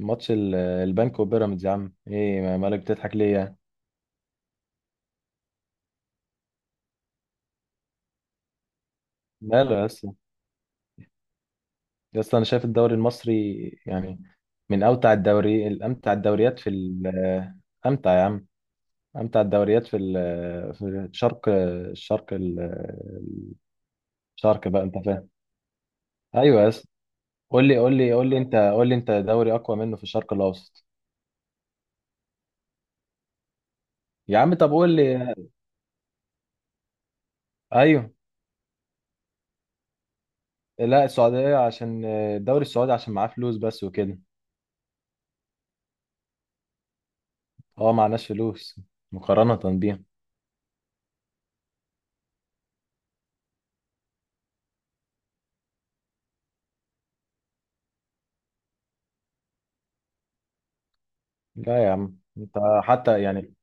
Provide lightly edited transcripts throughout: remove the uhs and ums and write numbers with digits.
ماتش البنك وبيراميدز يا عم، ايه مالك بتضحك ليه يعني؟ ماله يا اسطى؟ يا اسطى انا شايف الدوري المصري يعني، من اوتع الدوري الامتع الدوريات في امتع يا عم، امتع الدوريات في في الشرق، الشرق ال- الشرق بقى انت فاهم. ايوه يا اسطى، قول لي، قول لي انت، قول لي انت دوري اقوى منه في الشرق الاوسط. يا عم طب قول لي. ايوه. لا السعوديه عشان الدوري السعودي عشان معاه فلوس بس وكده. هو معناش فلوس مقارنه بيهم. لا يا عم انت، حتى يعني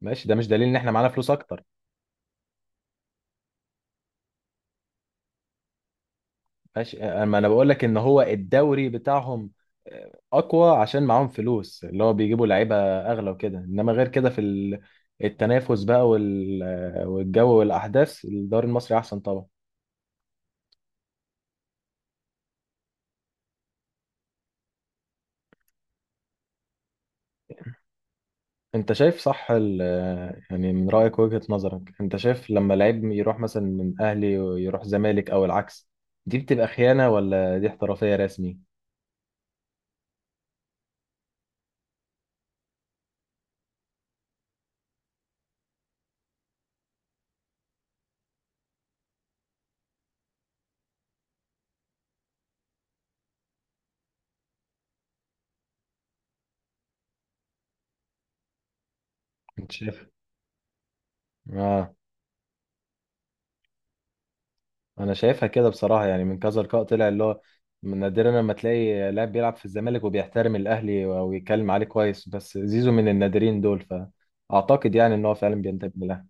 ماشي، ده مش دليل ان احنا معانا فلوس اكتر. ماشي، اما انا بقول لك ان هو الدوري بتاعهم اقوى عشان معاهم فلوس، اللي هو بيجيبوا لعيبه اغلى وكده، انما غير كده في التنافس بقى والجو والاحداث، الدوري المصري احسن طبعا. انت شايف صح يعني من رايك وجهه نظرك، انت شايف لما لعيب يروح مثلا من اهلي ويروح زمالك او العكس، دي بتبقى خيانه ولا دي احترافيه رسمي؟ انت شايف. اه. انا شايفها كده بصراحه، يعني من كذا لقاء طلع اللي هو من نادرا لما تلاقي لاعب بيلعب في الزمالك وبيحترم الاهلي ويتكلم عليه كويس، بس زيزو من النادرين دول، فاعتقد يعني ان هو فعلا بينتمي للاهلي.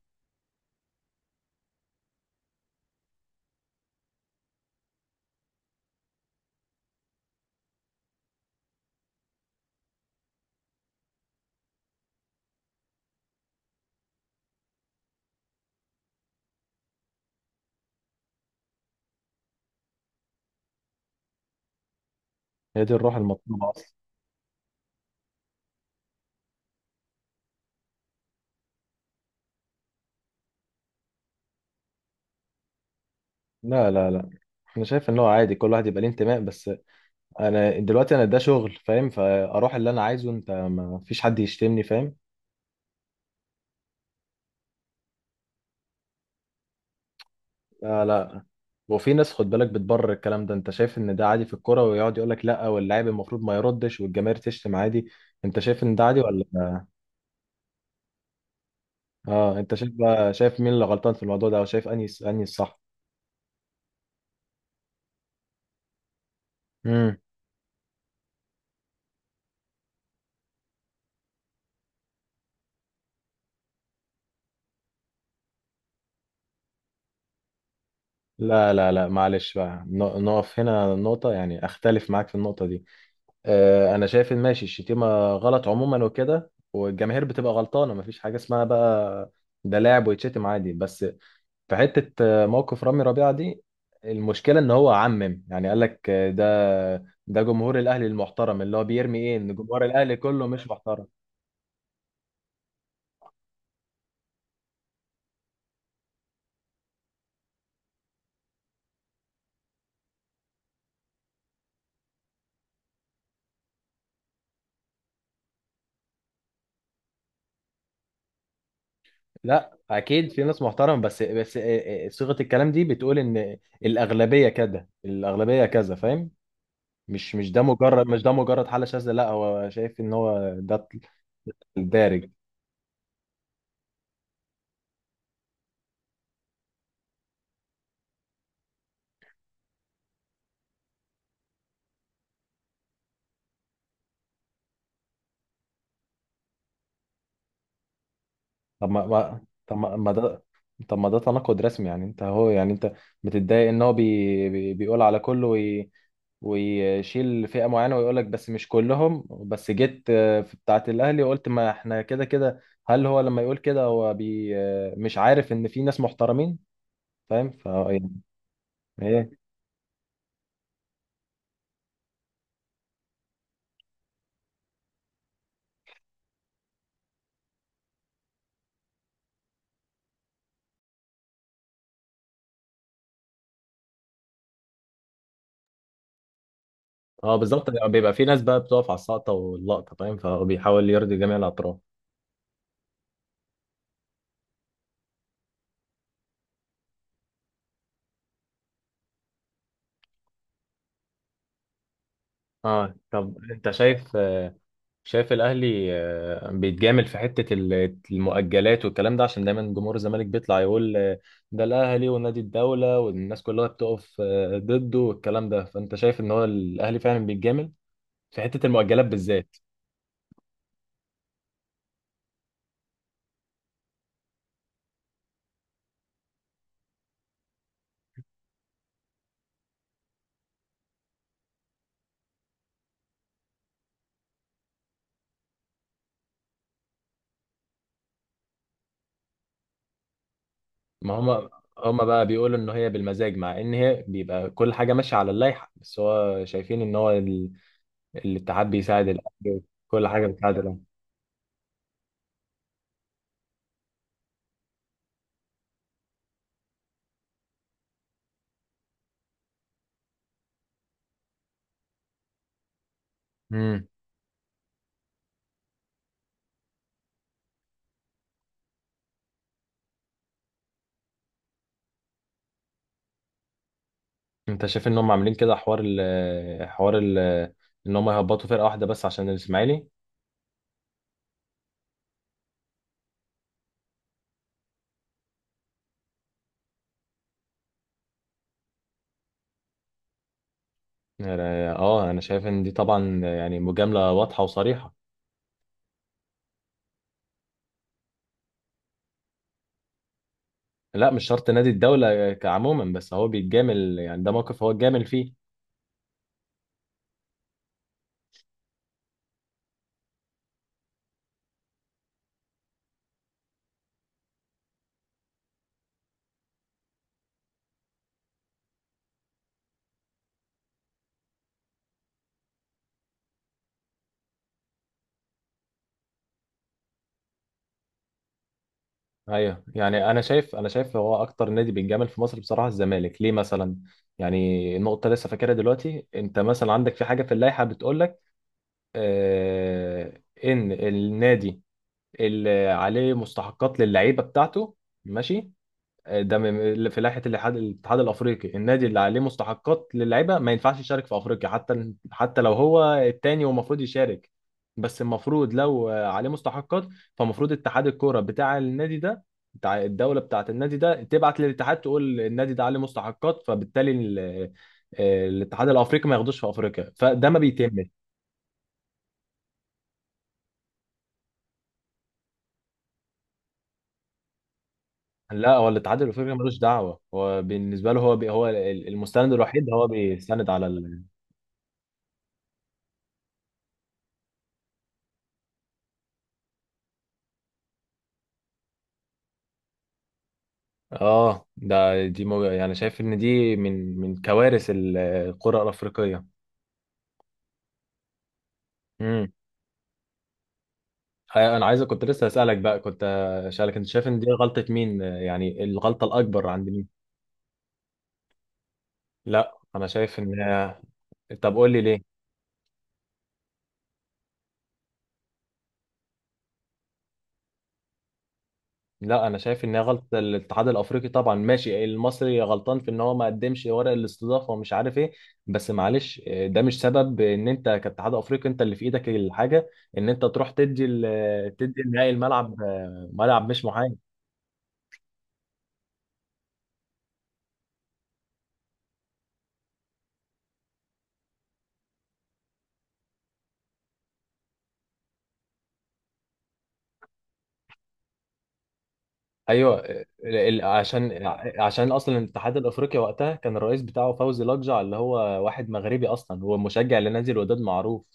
هي دي الروح المطلوبه اصلا. لا لا لا، انا شايف ان هو عادي كل واحد يبقى ليه انتماء، بس انا دلوقتي، انا ده شغل فاهم، فاروح اللي انا عايزه، انت ما فيش حد يشتمني فاهم. لا لا، وفي ناس خد بالك بتبرر الكلام ده، انت شايف ان ده عادي في الكرة، ويقعد يقول لك لا واللاعب المفروض ما يردش والجماهير تشتم عادي. انت شايف ان ده عادي ولا؟ اه انت شايف بقى، شايف مين اللي غلطان في الموضوع ده او شايف انهي انهي الصح؟ امم لا لا لا، معلش بقى نقف هنا نقطة، يعني اختلف معاك في النقطة دي. آه انا شايف ان ماشي، الشتيمة غلط عموما وكده، والجماهير بتبقى غلطانة، مفيش حاجة اسمها بقى ده لاعب ويتشتم عادي. بس في حتة موقف رامي ربيعة دي، المشكلة ان هو عمم، يعني قال لك ده ده جمهور الاهلي المحترم، اللي هو بيرمي ايه ان جمهور الاهلي كله مش محترم. لا اكيد في ناس محترمة، بس صيغة الكلام دي بتقول ان الاغلبية كذا فاهم، مش ده مجرد حالة شاذة، لا هو شايف ان هو ده الدارج. طب ما ما- طب ما ما ده طب ما ده تناقض رسمي، يعني انت هو يعني انت بتتضايق ان هو بيقول على كله ويشيل فئة معينة، ويقول لك بس مش كلهم، بس جيت في بتاعة الأهلي وقلت ما احنا كده كده. هل هو لما يقول كده هو بي... آه، مش عارف ان في ناس محترمين فاهم، ف يعني ايه؟ اه بالظبط، بيبقى في ناس بقى بتقف على السقطة واللقطة فاهم، فبيحاول يرضي جميع الأطراف. اه طب انت شايف، شايف الاهلي بيتجامل في حته المؤجلات والكلام ده، عشان دايما جمهور الزمالك بيطلع يقول ده الاهلي ونادي الدوله والناس كلها بتقف ضده والكلام ده، فانت شايف ان هو الاهلي فعلا بيتجامل في حته المؤجلات بالذات؟ ما هما، هما بقى بيقولوا ان هي بالمزاج، مع ان هي بيبقى كل حاجه ماشيه على اللائحه، بس هو شايفين ان هو الاتحاد بيساعد الاهلي، كل حاجه بتساعد الاهلي. مم. انت شايف ان هم عاملين كده حوار ال حوار ال ان هم يهبطوا فرقه واحده بس عشان الاسماعيلي؟ يعني اه، انا شايف ان دي طبعا يعني مجامله واضحه وصريحه. لا مش شرط نادي الدوله كعموما، بس هو بيتجامل، يعني ده موقف هو اتجامل فيه. ايوه يعني، انا شايف هو اكتر نادي بيتجامل في مصر بصراحه، الزمالك ليه مثلا. يعني النقطه لسه فاكرها دلوقتي، انت مثلا عندك في حاجه في اللائحه بتقول لك آه ان النادي اللي عليه مستحقات للعيبه بتاعته، ماشي، ده في لائحه الاتحاد الافريقي، النادي اللي عليه مستحقات للعيبه ما ينفعش يشارك في افريقيا حتى، حتى لو هو التاني ومفروض يشارك، بس المفروض لو عليه مستحقات، فمفروض اتحاد الكوره بتاع النادي ده، بتاع الدوله بتاعه النادي ده، تبعت للاتحاد تقول النادي ده عليه مستحقات، فبالتالي الاتحاد الافريقي ما ياخدوش في افريقيا، فده ما بيتمش. لا هو الاتحاد الافريقي ملوش دعوه، هو بالنسبه له هو بي هو المستند الوحيد هو بيستند على. اه ده يعني شايف ان دي من من كوارث القرى الافريقيه. امم انا عايز كنت لسه اسالك بقى، كنت اسالك انت شايف ان دي غلطه مين، يعني الغلطه الاكبر عند مين؟ لا انا شايف ان طب قول لي ليه. لا انا شايف ان هي غلطه الاتحاد الافريقي طبعا، ماشي المصري غلطان في ان هو ما قدمش ورق الاستضافه ومش عارف ايه، بس معلش، ده مش سبب ان انت كاتحاد افريقي، انت اللي في ايدك الحاجه ان انت تروح تدي النهائي الملعب، ملعب مش محايد. ايوه ال- عشان عشان اصلا الاتحاد الافريقي وقتها كان الرئيس بتاعه فوزي لقجع، اللي هو واحد مغربي اصلا، هو مشجع لنادي الوداد معروف.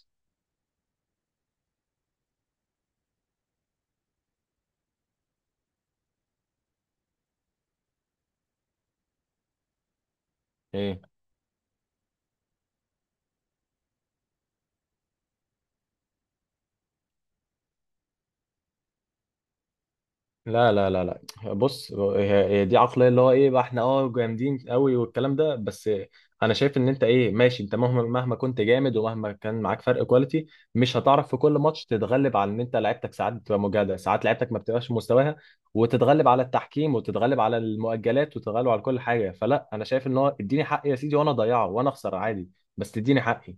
ايه. لا لا لا، لا بص هي هي دي عقلية اللي هو ايه بقى، احنا اه جامدين قوي والكلام ده، بس انا شايف ان انت ايه ماشي، انت مهما كنت جامد ومهما كان معاك فرق كواليتي، مش هتعرف في كل ماتش تتغلب، على ان انت لعيبتك ساعات بتبقى مجهدة، ساعات لعيبتك ما بتبقاش في مستواها، وتتغلب على التحكيم، وتتغلب على المؤجلات، وتتغلب على كل حاجة، فلا انا شايف ان هو اديني حقي يا سيدي وانا اضيعه وانا اخسر عادي، بس اديني حقي.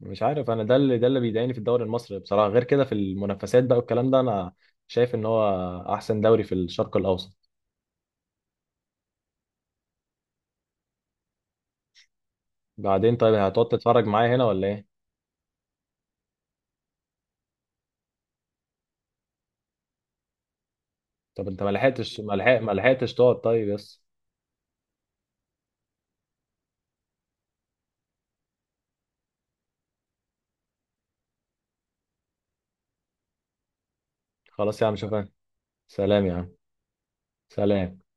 مش عارف، انا ده اللي بيضايقني في الدوري المصري بصراحه، غير كده في المنافسات بقى والكلام ده انا شايف ان هو احسن دوري في الشرق الاوسط. بعدين طيب، هتقعد تتفرج معايا هنا ولا ايه؟ طب انت ما لحقتش، ما لحقتش تقعد طيب بس؟ خلاص يا عم شوف أنا. سلام يا عم. سلام.